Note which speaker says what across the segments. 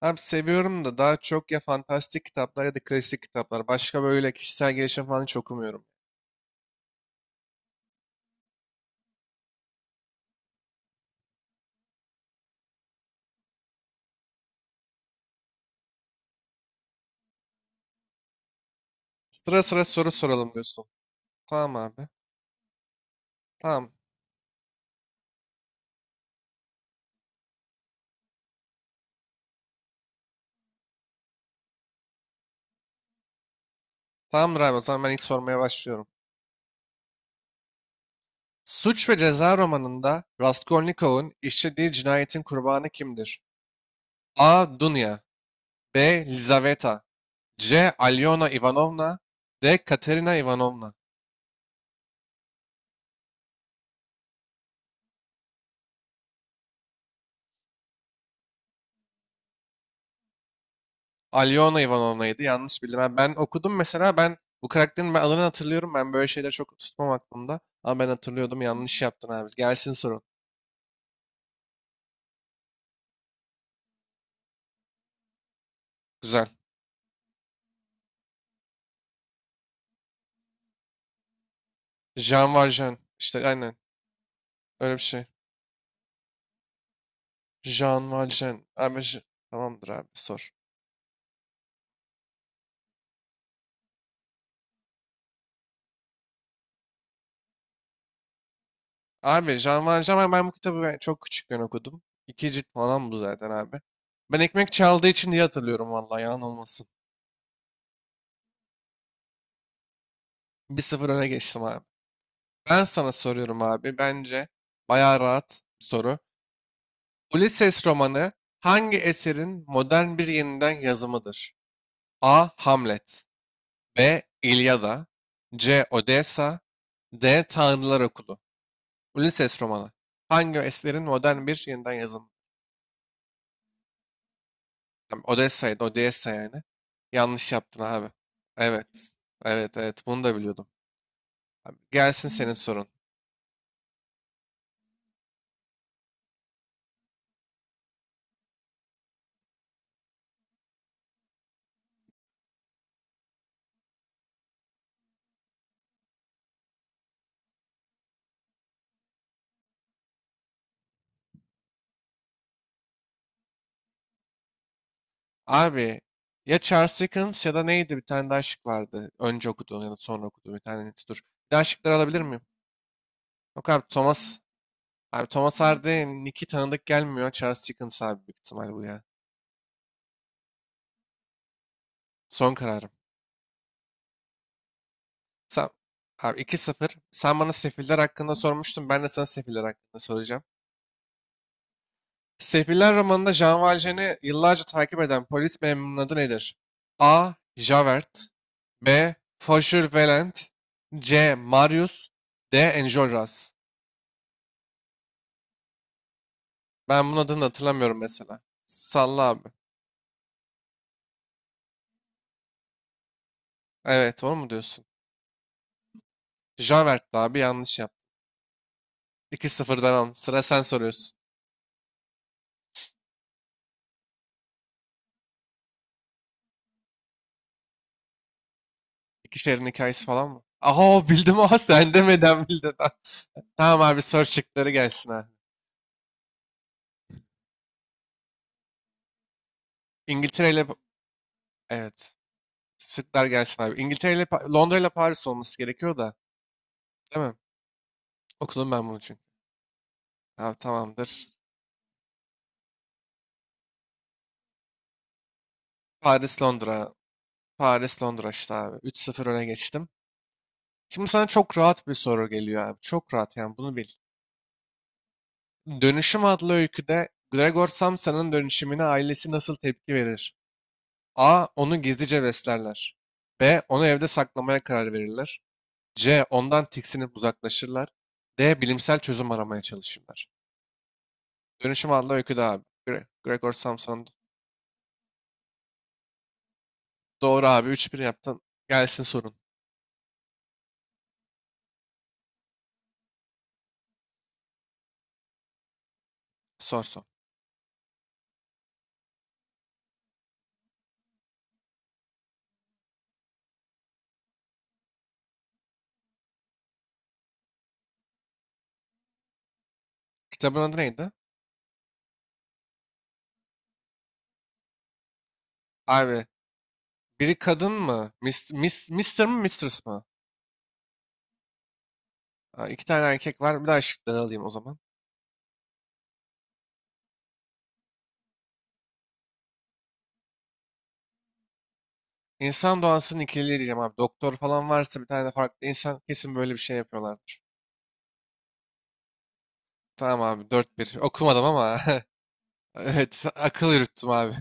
Speaker 1: Abi seviyorum da daha çok ya fantastik kitaplar ya da klasik kitaplar. Başka böyle kişisel gelişim falan hiç okumuyorum. Sıra sıra soru soralım diyorsun. Tamam abi. Tamam. Tamamdır abi, o zaman ben ilk sormaya başlıyorum. Suç ve Ceza romanında Raskolnikov'un işlediği cinayetin kurbanı kimdir? A. Dunya. B. Lizaveta. C. Alyona Ivanovna. D. Katerina Ivanovna. Alyona Ivanovna'ydı. Yanlış bildim. Ha, ben okudum mesela, ben bu karakterin ben adını hatırlıyorum. Ben böyle şeyleri çok tutmam aklımda. Ama ben hatırlıyordum. Yanlış yaptın abi. Gelsin sorun. Güzel. Jean Valjean. İşte aynen. Öyle bir şey. Jean Valjean. Abi tamamdır abi, sor. Abi Jean Valjean ben bu kitabı ben çok küçükken okudum. İki cilt falan bu zaten abi. Ben ekmek çaldığı için diye hatırlıyorum, vallahi yalan olmasın. 1-0 öne geçtim abi. Ben sana soruyorum abi. Bence bayağı rahat bir soru. Ulises romanı hangi eserin modern bir yeniden yazımıdır? A. Hamlet. B. İlyada. C. Odessa. D. Tanrılar Okulu. Ulises romanı hangi eserin modern bir yeniden yazımı? Tam Odessa'ydı, Odessa yani. Yanlış yaptın abi. Evet. Evet, evet. Bunu da biliyordum. Abi, gelsin senin sorun. Abi, ya Charles Dickens ya da neydi? Bir tane daha şık vardı. Önce okuduğun ya da sonra okuduğun bir tane. Dur. Bir daha şıkları alabilir miyim? Yok abi Thomas. Abi Thomas Hardy, Nick'i tanıdık gelmiyor. Charles Dickens abi, büyük ihtimal bu ya. Son kararım. Sen, abi 2-0. Sen bana Sefiller hakkında sormuştun, ben de sana Sefiller hakkında soracağım. Sefiller romanında Jean Valjean'i yıllarca takip eden polis memurunun adı nedir? A. Javert. B. Fauchelevent. C. Marius. D. Enjolras. Ben bunun adını hatırlamıyorum mesela. Salla abi. Evet, onu mu diyorsun? Javert'ti abi, yanlış yaptın. 2 sıfır devam. Sıra sen soruyorsun. İki şehrin hikayesi falan mı? Aha, bildim ama sen demeden bildin. Tamam abi, soru şıkları gelsin abi. İngiltere ile... Evet. Şıklar gelsin abi. İngiltere ile... Londra ile Paris olması gerekiyor da. Değil mi? Okudum ben bunu çünkü. Abi tamamdır. Paris Londra. Paris Londra işte abi. 3-0 öne geçtim. Şimdi sana çok rahat bir soru geliyor abi. Çok rahat, yani bunu bil. Dönüşüm adlı öyküde Gregor Samsa'nın dönüşümüne ailesi nasıl tepki verir? A. Onu gizlice beslerler. B. Onu evde saklamaya karar verirler. C. Ondan tiksinip uzaklaşırlar. D. Bilimsel çözüm aramaya çalışırlar. Dönüşüm adlı öyküde abi. Gregor Samson. Doğru abi. Üç 1 yaptın. Gelsin sorun. Sor sor. Kitabın adı neydi? Abi, biri kadın mı? Mr. mı, Mistress mı? Ha, iki tane erkek var. Bir daha şıkları alayım o zaman. İnsan doğasının ikiliği diyeceğim abi. Doktor falan varsa bir tane de farklı insan, kesin böyle bir şey yapıyorlardır. Tamam abi, 4-1. Okumadım ama Evet, akıl yürüttüm abi.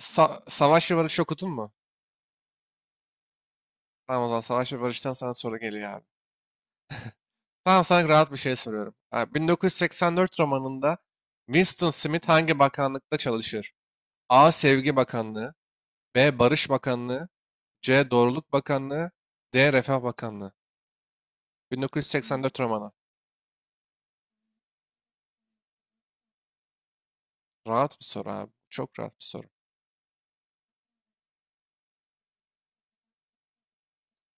Speaker 1: Savaş ve Barış okudun mu? Tamam, o zaman Savaş ve Barış'tan sana soru geliyor abi. Tamam, sana rahat bir şey soruyorum. Abi, 1984 romanında Winston Smith hangi bakanlıkta çalışır? A. Sevgi Bakanlığı. B. Barış Bakanlığı. C. Doğruluk Bakanlığı. D. Refah Bakanlığı. 1984 romanı. Rahat bir soru abi. Çok rahat bir soru.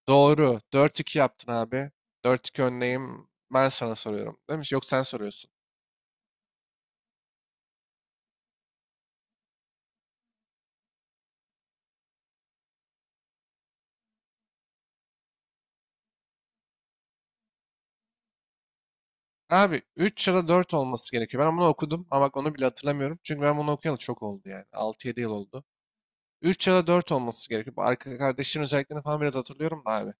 Speaker 1: Doğru. 4-2 yaptın abi. 4-2 önleyim. Ben sana soruyorum. Değil mi? Yok, sen soruyorsun. Abi 3 ya da 4 olması gerekiyor. Ben bunu okudum ama bak, onu bile hatırlamıyorum. Çünkü ben bunu okuyalı çok oldu yani. 6-7 yıl oldu. Üç ya da 4 olması gerekiyor. Bu arka kardeşin özelliklerini falan biraz hatırlıyorum da abi.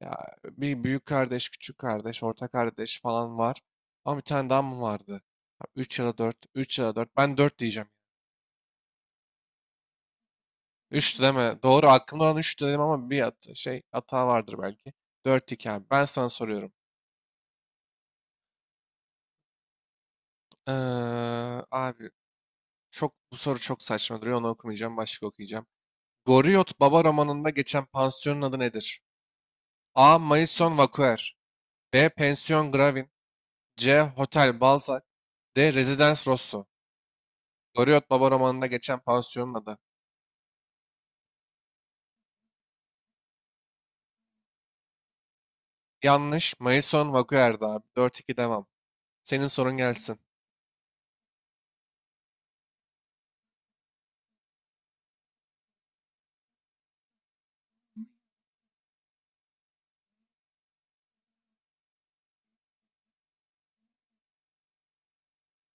Speaker 1: Ya bir büyük kardeş, küçük kardeş, orta kardeş falan var. Ama bir tane daha mı vardı? Üç ya da dört, üç ya da dört. Ben 4 diyeceğim. 3 deme. Doğru, aklımda olan 3 dedim ama bir hata vardır belki. Dört 2 abi. Ben sana soruyorum. Ee, abi, çok bu soru çok saçma duruyor. Onu okumayacağım. Başka okuyacağım. Goriot Baba romanında geçen pansiyonun adı nedir? A. Maison Vaquer. B. Pension Gravin. C. Hotel Balzac. D. Residence Rosso. Goriot Baba romanında geçen pansiyonun adı. Yanlış. Maison Vaquer'di abi. 4-2 devam. Senin sorun gelsin.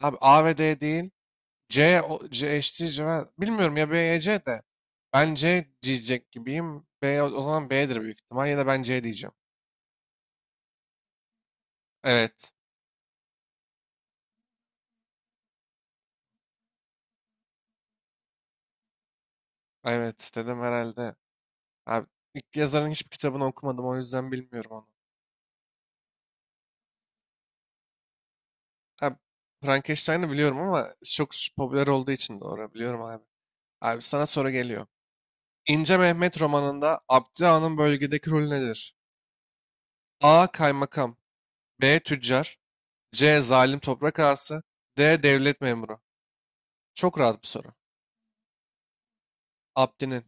Speaker 1: Abi, A ve D değil. C, o, C, eşittir cevap. Bilmiyorum ya, B ya C de. Ben C diyecek gibiyim. B, o zaman B'dir büyük ihtimal. Ya da ben C diyeceğim. Evet. Evet dedim herhalde. Abi, ilk yazarın hiçbir kitabını okumadım, o yüzden bilmiyorum onu. Abi, Frankenstein'ı biliyorum ama çok popüler olduğu için doğru biliyorum abi. Abi, sana soru geliyor. İnce Mehmet romanında Abdi Ağa'nın bölgedeki rolü nedir? A. Kaymakam. B. Tüccar. C. Zalim toprak ağası. D. Devlet memuru. Çok rahat bir soru. Abdi'nin.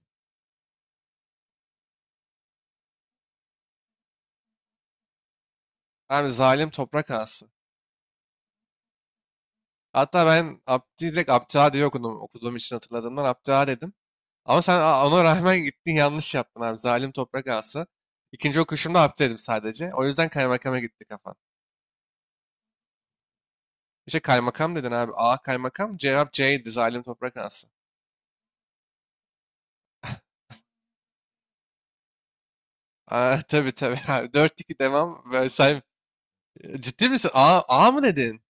Speaker 1: Abi, zalim toprak ağası. Hatta ben Abdi direkt Abdüha diye okudum. Okuduğum için hatırladığımdan Abdüha dedim. Ama sen ona rağmen gittin, yanlış yaptın abi. Zalim toprak ağası. İkinci okuyuşumda Abdi dedim sadece. O yüzden kaymakama gitti kafan. İşte kaymakam dedin abi. A kaymakam. Cevap C'ydi. Zalim toprak ağası. Aa, tabii tabii abi. 4-2 devam. Böyle, sen ciddi misin? A, A mı dedin?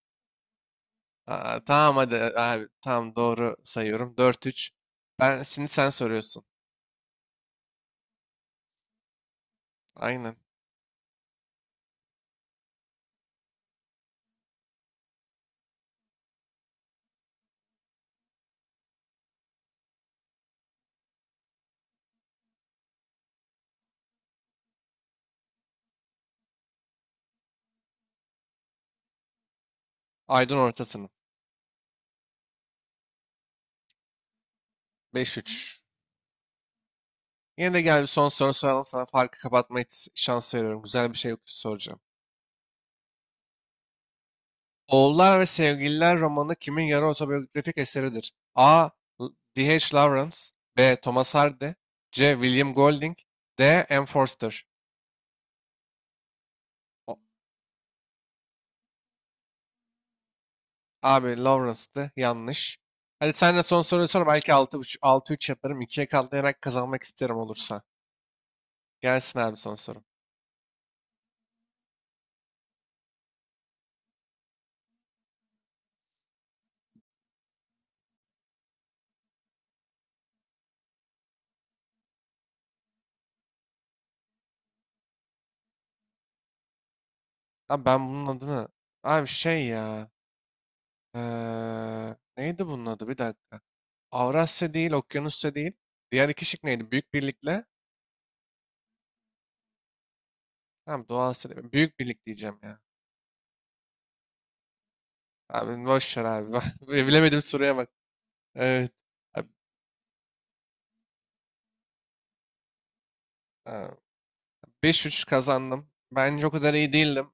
Speaker 1: Aa, tamam hadi abi. Tamam, doğru sayıyorum. 4-3. Ben şimdi, sen soruyorsun. Aynen. Aydın orta sınıf. 5-3. Yine de gel, bir son soru soralım. Sana farkı kapatma şansı veriyorum. Güzel bir şey soracağım. Oğullar ve Sevgililer romanı kimin yarı otobiyografik eseridir? A. L- D.H. Lawrence. B. Thomas Hardy. C. William Golding. D. M. Forster. O- Abi, Lawrence'dı. Yanlış. Hadi, sen de son soruyu sor. Belki 6-3, 6-3 yaparım. 2'ye katlayarak kazanmak isterim olursa. Gelsin abi son sorum. Abi ben bunun adını... Abi şey ya... Eee, neydi bunun adı? Bir dakika. Avrasya değil, Okyanusya değil. Diğer iki şık neydi? Büyük Birlik'le. Tamam, Doğu Asya değil. Büyük Birlik diyeceğim ya. Abi boş ver abi. Bak, bilemedim soruya bak. Evet. Abi, ha, 5-3 kazandım. Bence o kadar iyi değildim.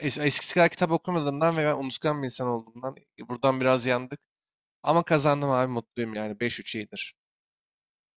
Speaker 1: Eskisi kadar kitap okumadığımdan ve ben unutkan bir insan olduğumdan buradan biraz yandık. Ama kazandım abi, mutluyum yani. 5-3 iyidir.